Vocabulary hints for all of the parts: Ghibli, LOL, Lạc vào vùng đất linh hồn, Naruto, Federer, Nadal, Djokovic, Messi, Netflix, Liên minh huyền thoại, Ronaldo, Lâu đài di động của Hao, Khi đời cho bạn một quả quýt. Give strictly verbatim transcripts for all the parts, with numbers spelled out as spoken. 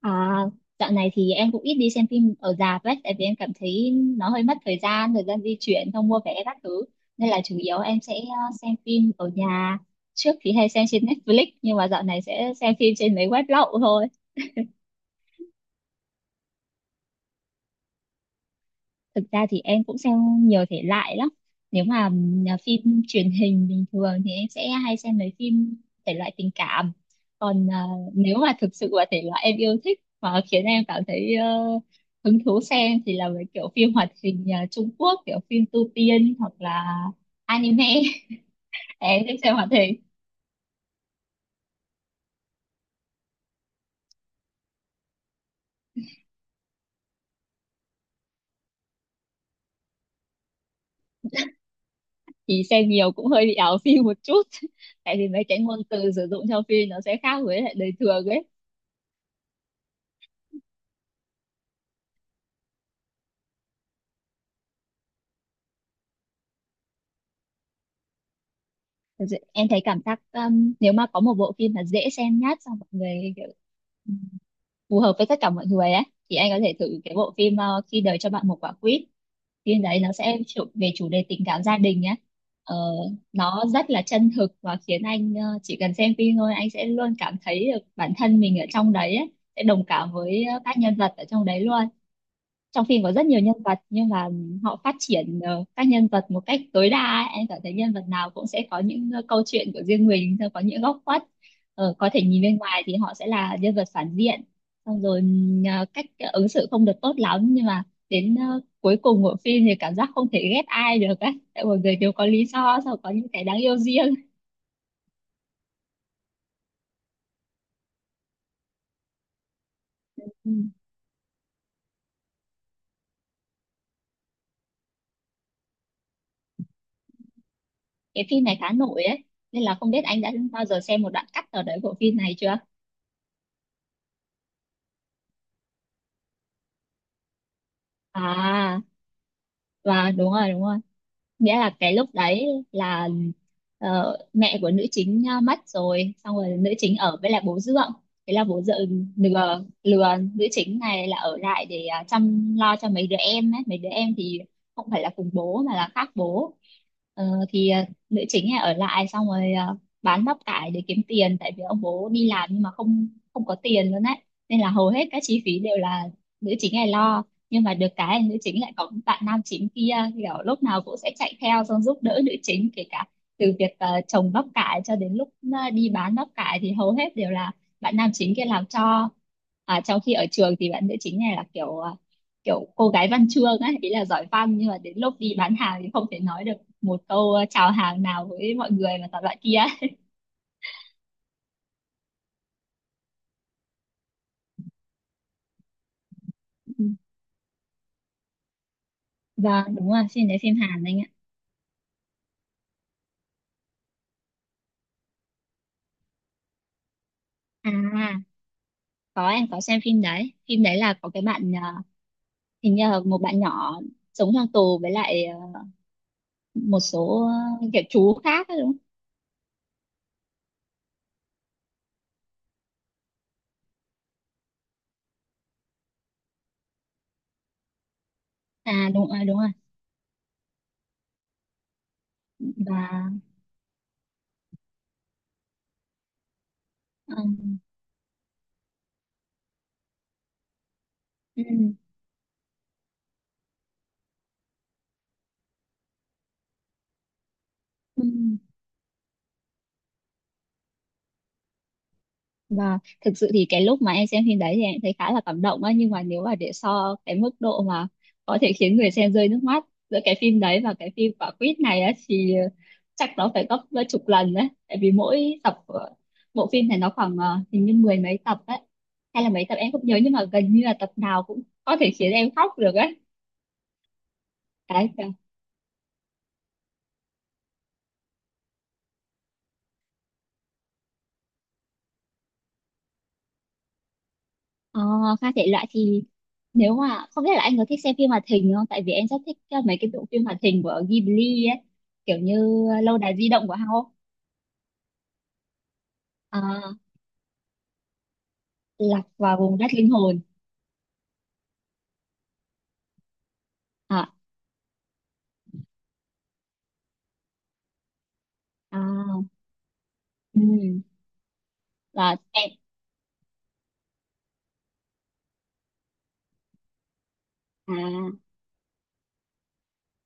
À, dạo này thì em cũng ít đi xem phim ở rạp ấy, tại vì em cảm thấy nó hơi mất thời gian, thời gian di chuyển, không mua vé các thứ. Nên là chủ yếu em sẽ ờ, xem phim ở nhà. Trước thì hay xem trên Netflix, nhưng mà dạo này sẽ xem phim trên mấy web lậu thôi. Thực ra thì em cũng xem nhiều thể loại lắm. Nếu mà ừm, là phim truyền hình bình thường thì em sẽ hay xem mấy phim thể loại tình cảm, còn à, nếu mà thực sự là thể loại em yêu thích mà khiến em cảm thấy ờ, hứng thú xem thì là mấy kiểu phim hoạt hình à, Trung Quốc kiểu phim tu tiên hoặc là anime. Em thích xem hoạt hình thì xem nhiều cũng hơi bị ảo phim một chút. Tại vì mấy cái ngôn từ sử dụng trong phim nó sẽ khác với lại đời thường ấy. Thật sự em thấy cảm giác um, nếu mà có một bộ phim mà dễ xem nhất xong mọi người kiểu phù hợp với tất cả mọi người ấy thì anh có thể thử cái bộ phim ờ, Khi đời cho bạn một quả quýt. Phim đấy nó sẽ chủ, về chủ đề tình cảm gia đình nhé. ờ, nó rất là chân thực và khiến anh ờ, chỉ cần xem phim thôi anh sẽ luôn cảm thấy được bản thân mình ở trong đấy ấy, sẽ đồng cảm với ờ, các nhân vật ở trong đấy luôn. Trong phim có rất nhiều nhân vật nhưng mà họ phát triển ờ, các nhân vật một cách tối đa ấy. Em cảm thấy nhân vật nào cũng sẽ có những ờ, câu chuyện của riêng mình, rồi có những góc khuất. Ờ, có thể nhìn bên ngoài thì họ sẽ là nhân vật phản diện, xong rồi ừm, ờ, cách ờ, ứng xử không được tốt lắm, nhưng mà đến ờ, cuối cùng của phim thì cảm giác không thể ghét ai được ấy, tại mọi người đều có lý do, sau có những cái đáng yêu riêng. Ừ. Cái phim này khá nổi ấy, nên là không biết anh đã bao giờ xem một đoạn cắt nào đấy của phim này chưa. À, và đúng rồi, đúng rồi, nghĩa là cái lúc đấy là ờ, mẹ của nữ chính ờ, mất rồi, xong rồi nữ chính ở với lại bố dượng. Thế là bố dượng lừa lừa nữ chính này là ở lại để ờ, chăm lo cho mấy đứa em ấy. Mấy đứa em thì không phải là cùng bố mà là khác bố. Ờ, thì ờ, nữ chính này ở lại, xong rồi ờ, bán bắp cải để kiếm tiền, tại vì ông bố đi làm nhưng mà không không có tiền luôn đấy, nên là hầu hết các chi phí đều là nữ chính này lo. Nhưng mà được cái nữ chính lại có bạn nam chính kia kiểu lúc nào cũng sẽ chạy theo xong giúp đỡ nữ chính, kể cả từ việc ờ, trồng bắp cải cho đến lúc ờ, đi bán bắp cải thì hầu hết đều là bạn nam chính kia làm cho. À, trong khi ở trường thì bạn nữ chính này là kiểu ờ, kiểu cô gái văn chương ấy, ý là giỏi văn, nhưng mà đến lúc đi bán hàng thì không thể nói được một câu ờ, chào hàng nào với mọi người mà toàn loại kia. Ừ. Vâng, đúng rồi, phim đấy phim Hàn anh ạ. À, có, em có xem phim đấy. Phim đấy là có cái bạn à, hình như là một bạn nhỏ sống trong tù với lại ờ, một số ờ, kiểu chú khác ấy, đúng không? À đúng rồi, đúng rồi. Và ừm, ừm, ừm. Và thực sự thì cái lúc mà em xem phim đấy thì em thấy khá là cảm động á, nhưng mà nếu mà để so cái mức độ mà có thể khiến người xem rơi nước mắt giữa cái phim đấy và cái phim quả quýt này á thì ờ, chắc nó phải gấp chục lần đấy, tại vì mỗi tập của bộ phim này nó khoảng ờ, hình như mười mấy tập đấy, hay là mấy tập em không nhớ, nhưng mà gần như là tập nào cũng có thể khiến em khóc được á. Đấy, kiểu, ờ, pha thể loại thì nếu mà không biết là anh có thích xem phim hoạt hình không? Tại vì em rất thích uh, mấy cái bộ phim hoạt hình của Ghibli ấy, kiểu như Lâu đài di động của Hao, à, Lạc vào vùng đất linh hồn. À, à, ừ, và em à,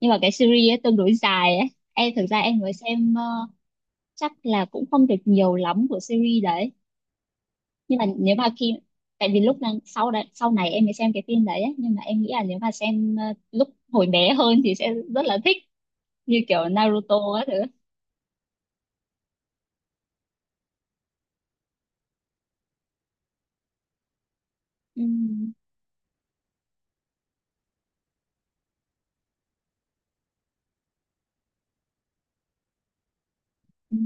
nhưng mà cái series ấy tương đối dài ấy. Em thực ra em mới xem ờ, chắc là cũng không được nhiều lắm của series đấy. Nhưng mà nếu mà khi, tại vì lúc đang sau đấy sau này em mới xem cái phim đấy ấy, nhưng mà em nghĩ là nếu mà xem ờ, lúc hồi bé hơn thì sẽ rất là thích, như kiểu Naruto á thứ. Ừ. Ừ,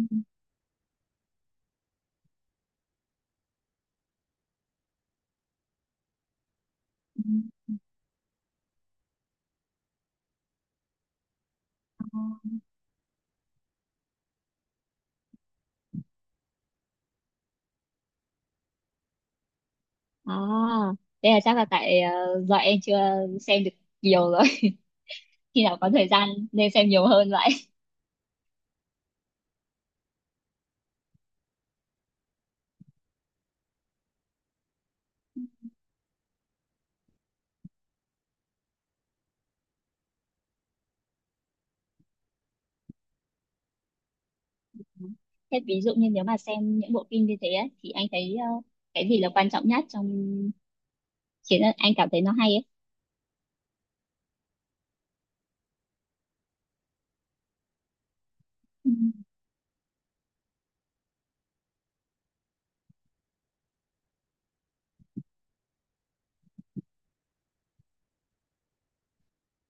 ừ. Ờ. À, thế là chắc là tại ờ, do em chưa xem được nhiều rồi. Khi nào có thời gian nên xem nhiều hơn vậy. Thế ví dụ như nếu mà xem những bộ phim như thế ấy, thì anh thấy ờ, cái gì là quan trọng nhất trong khiến anh cảm thấy nó hay ấy? Ừ.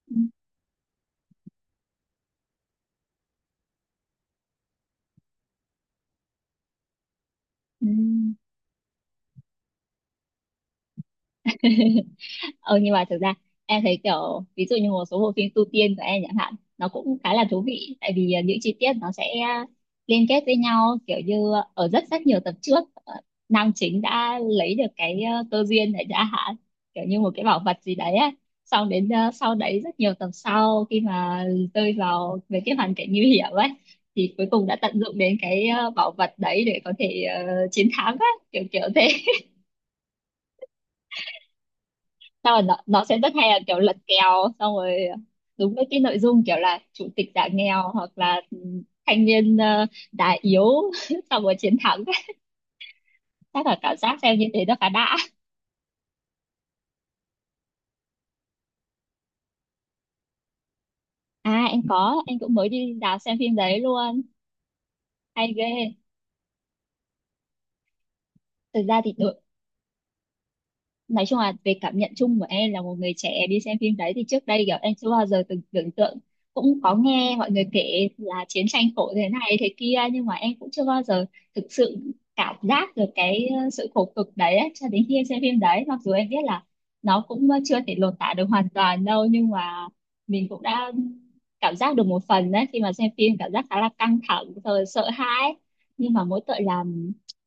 Ừ. Ừ. Ờ, nhưng mà thực ra em thấy kiểu ví dụ như một số bộ phim tu tiên của em chẳng hạn nó cũng khá là thú vị, tại vì ờ, những chi tiết nó sẽ ờ, liên kết với nhau, kiểu như ờ, ở rất rất nhiều tập trước ờ, nam chính đã lấy được cái ờ, cơ duyên để đã hạn, kiểu như một cái bảo vật gì đấy á, xong đến ờ, sau đấy rất nhiều tập sau, khi mà rơi vào về cái hoàn cảnh nguy hiểm ấy thì cuối cùng đã tận dụng đến cái ờ, bảo vật đấy để có thể ờ, chiến thắng á, kiểu kiểu thế. Sao rồi nó, nó sẽ rất hay là kiểu lật kèo, xong rồi đúng với cái nội dung kiểu là chủ tịch giảm nghèo hoặc là ừ, thanh niên ờ, đá yếu xong rồi chiến thắng. Chắc là cảm giác xem như thế nó khá đã. À em có, em cũng mới đi rạp xem phim đấy luôn. Hay ghê. Thực ra thì ừ, nói chung là về cảm nhận chung của em là một người trẻ đi xem phim đấy thì trước đây kiểu em chưa bao giờ từng tưởng tượng, cũng có nghe mọi người kể là chiến tranh khổ thế này thế kia nhưng mà em cũng chưa bao giờ thực sự cảm giác được cái ờ, sự khổ cực đấy ấy, cho đến khi em xem phim đấy. Mặc dù em biết là nó cũng chưa thể lột tả được hoàn toàn đâu nhưng mà mình cũng đã cảm giác được một phần đấy. Khi mà xem phim cảm giác khá là căng thẳng rồi sợ hãi, nhưng mà mỗi tội là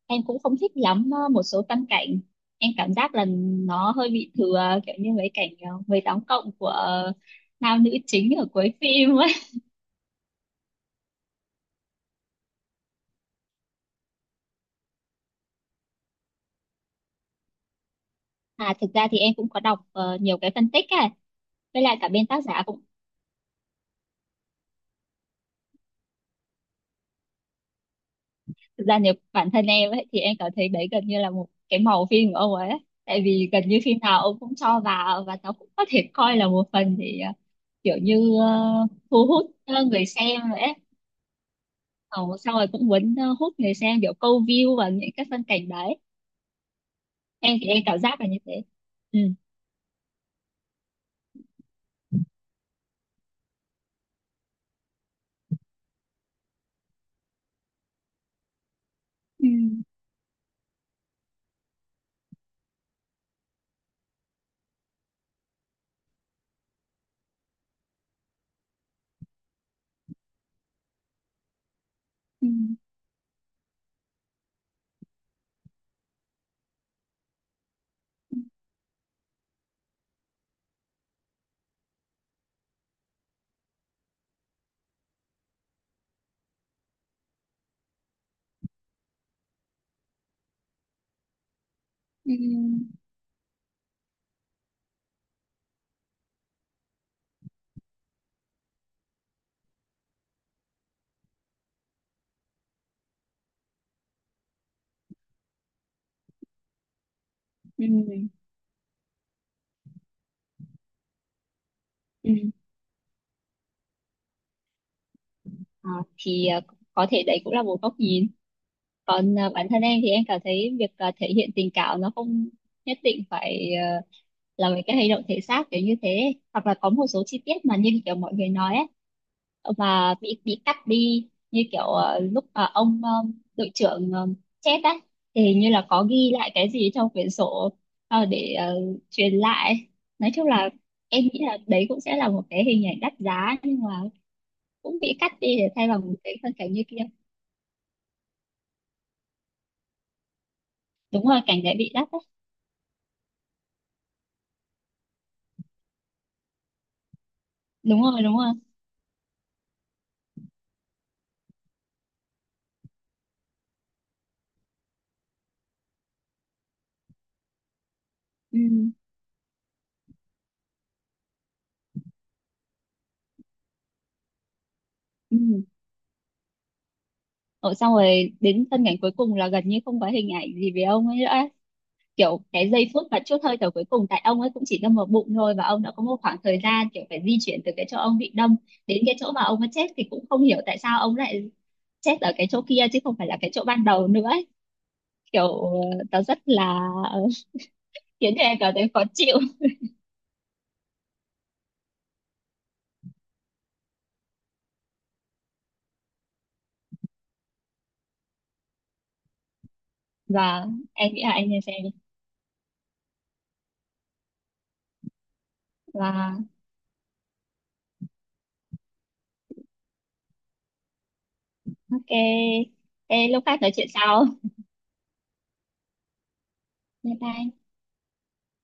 em cũng không thích lắm ờ, một số phân cảnh, em cảm giác là nó hơi bị thừa, kiểu như mấy cảnh ờ, mười tám cộng của ờ, nam nữ chính ở cuối phim ấy. À thực ra thì em cũng có đọc ờ, nhiều cái phân tích ấy với lại cả bên tác giả cũng. Thực ra nếu bản thân em ấy thì em cảm thấy đấy gần như là một cái màu phim của ông ấy ấy. Tại vì gần như phim nào ông cũng cho vào và nó cũng có thể coi là một phần thì ờ, kiểu như ờ, thu hút ờ, người xem vậy ấy. Ờ, xong rồi cũng muốn ờ, hút người xem kiểu câu view và những cái phân cảnh đấy. Em thì em cảm giác là như thế. Ừ, ừ, ừ, ừ, ừ, ừ. Ờ, thì ờ, có thể đấy cũng là một góc nhìn, còn ờ, bản thân em thì em cảm thấy việc ờ, thể hiện tình cảm nó không nhất định phải ờ, là với cái hành động thể xác kiểu như thế, hoặc là có một số chi tiết mà như kiểu mọi người nói ấy, và bị bị cắt đi, như kiểu ờ, lúc mà ông ờ, đội trưởng ờ, chết á thì hình như là có ghi lại cái gì trong quyển sổ, ờ, để ờ, truyền lại. Nói chung là em nghĩ là đấy cũng sẽ là một cái hình ảnh đắt giá, nhưng mà cũng bị cắt đi để thay bằng một cái phân cảnh như kia. Đúng rồi, cảnh đấy bị đắt á. Đúng rồi, đúng rồi. Ừ, ừ. Ủa, xong rồi đến phân cảnh cuối cùng là gần như không có hình ảnh gì về ông ấy nữa, kiểu cái giây phút mà chút hơi thở cuối cùng, tại ông ấy cũng chỉ đâm vào bụng thôi và ông đã có một khoảng thời gian kiểu phải di chuyển từ cái chỗ ông bị đâm đến cái chỗ mà ông ấy chết, thì cũng không hiểu tại sao ông lại chết ở cái chỗ kia chứ không phải là cái chỗ ban đầu nữa ấy. Kiểu ờ, nó rất là ờ, khiến cho em cảm thấy khó chịu. Và em nghĩ là anh nên xem đi. Và ok. Ê, lúc khác nói chuyện sau. Bye bye.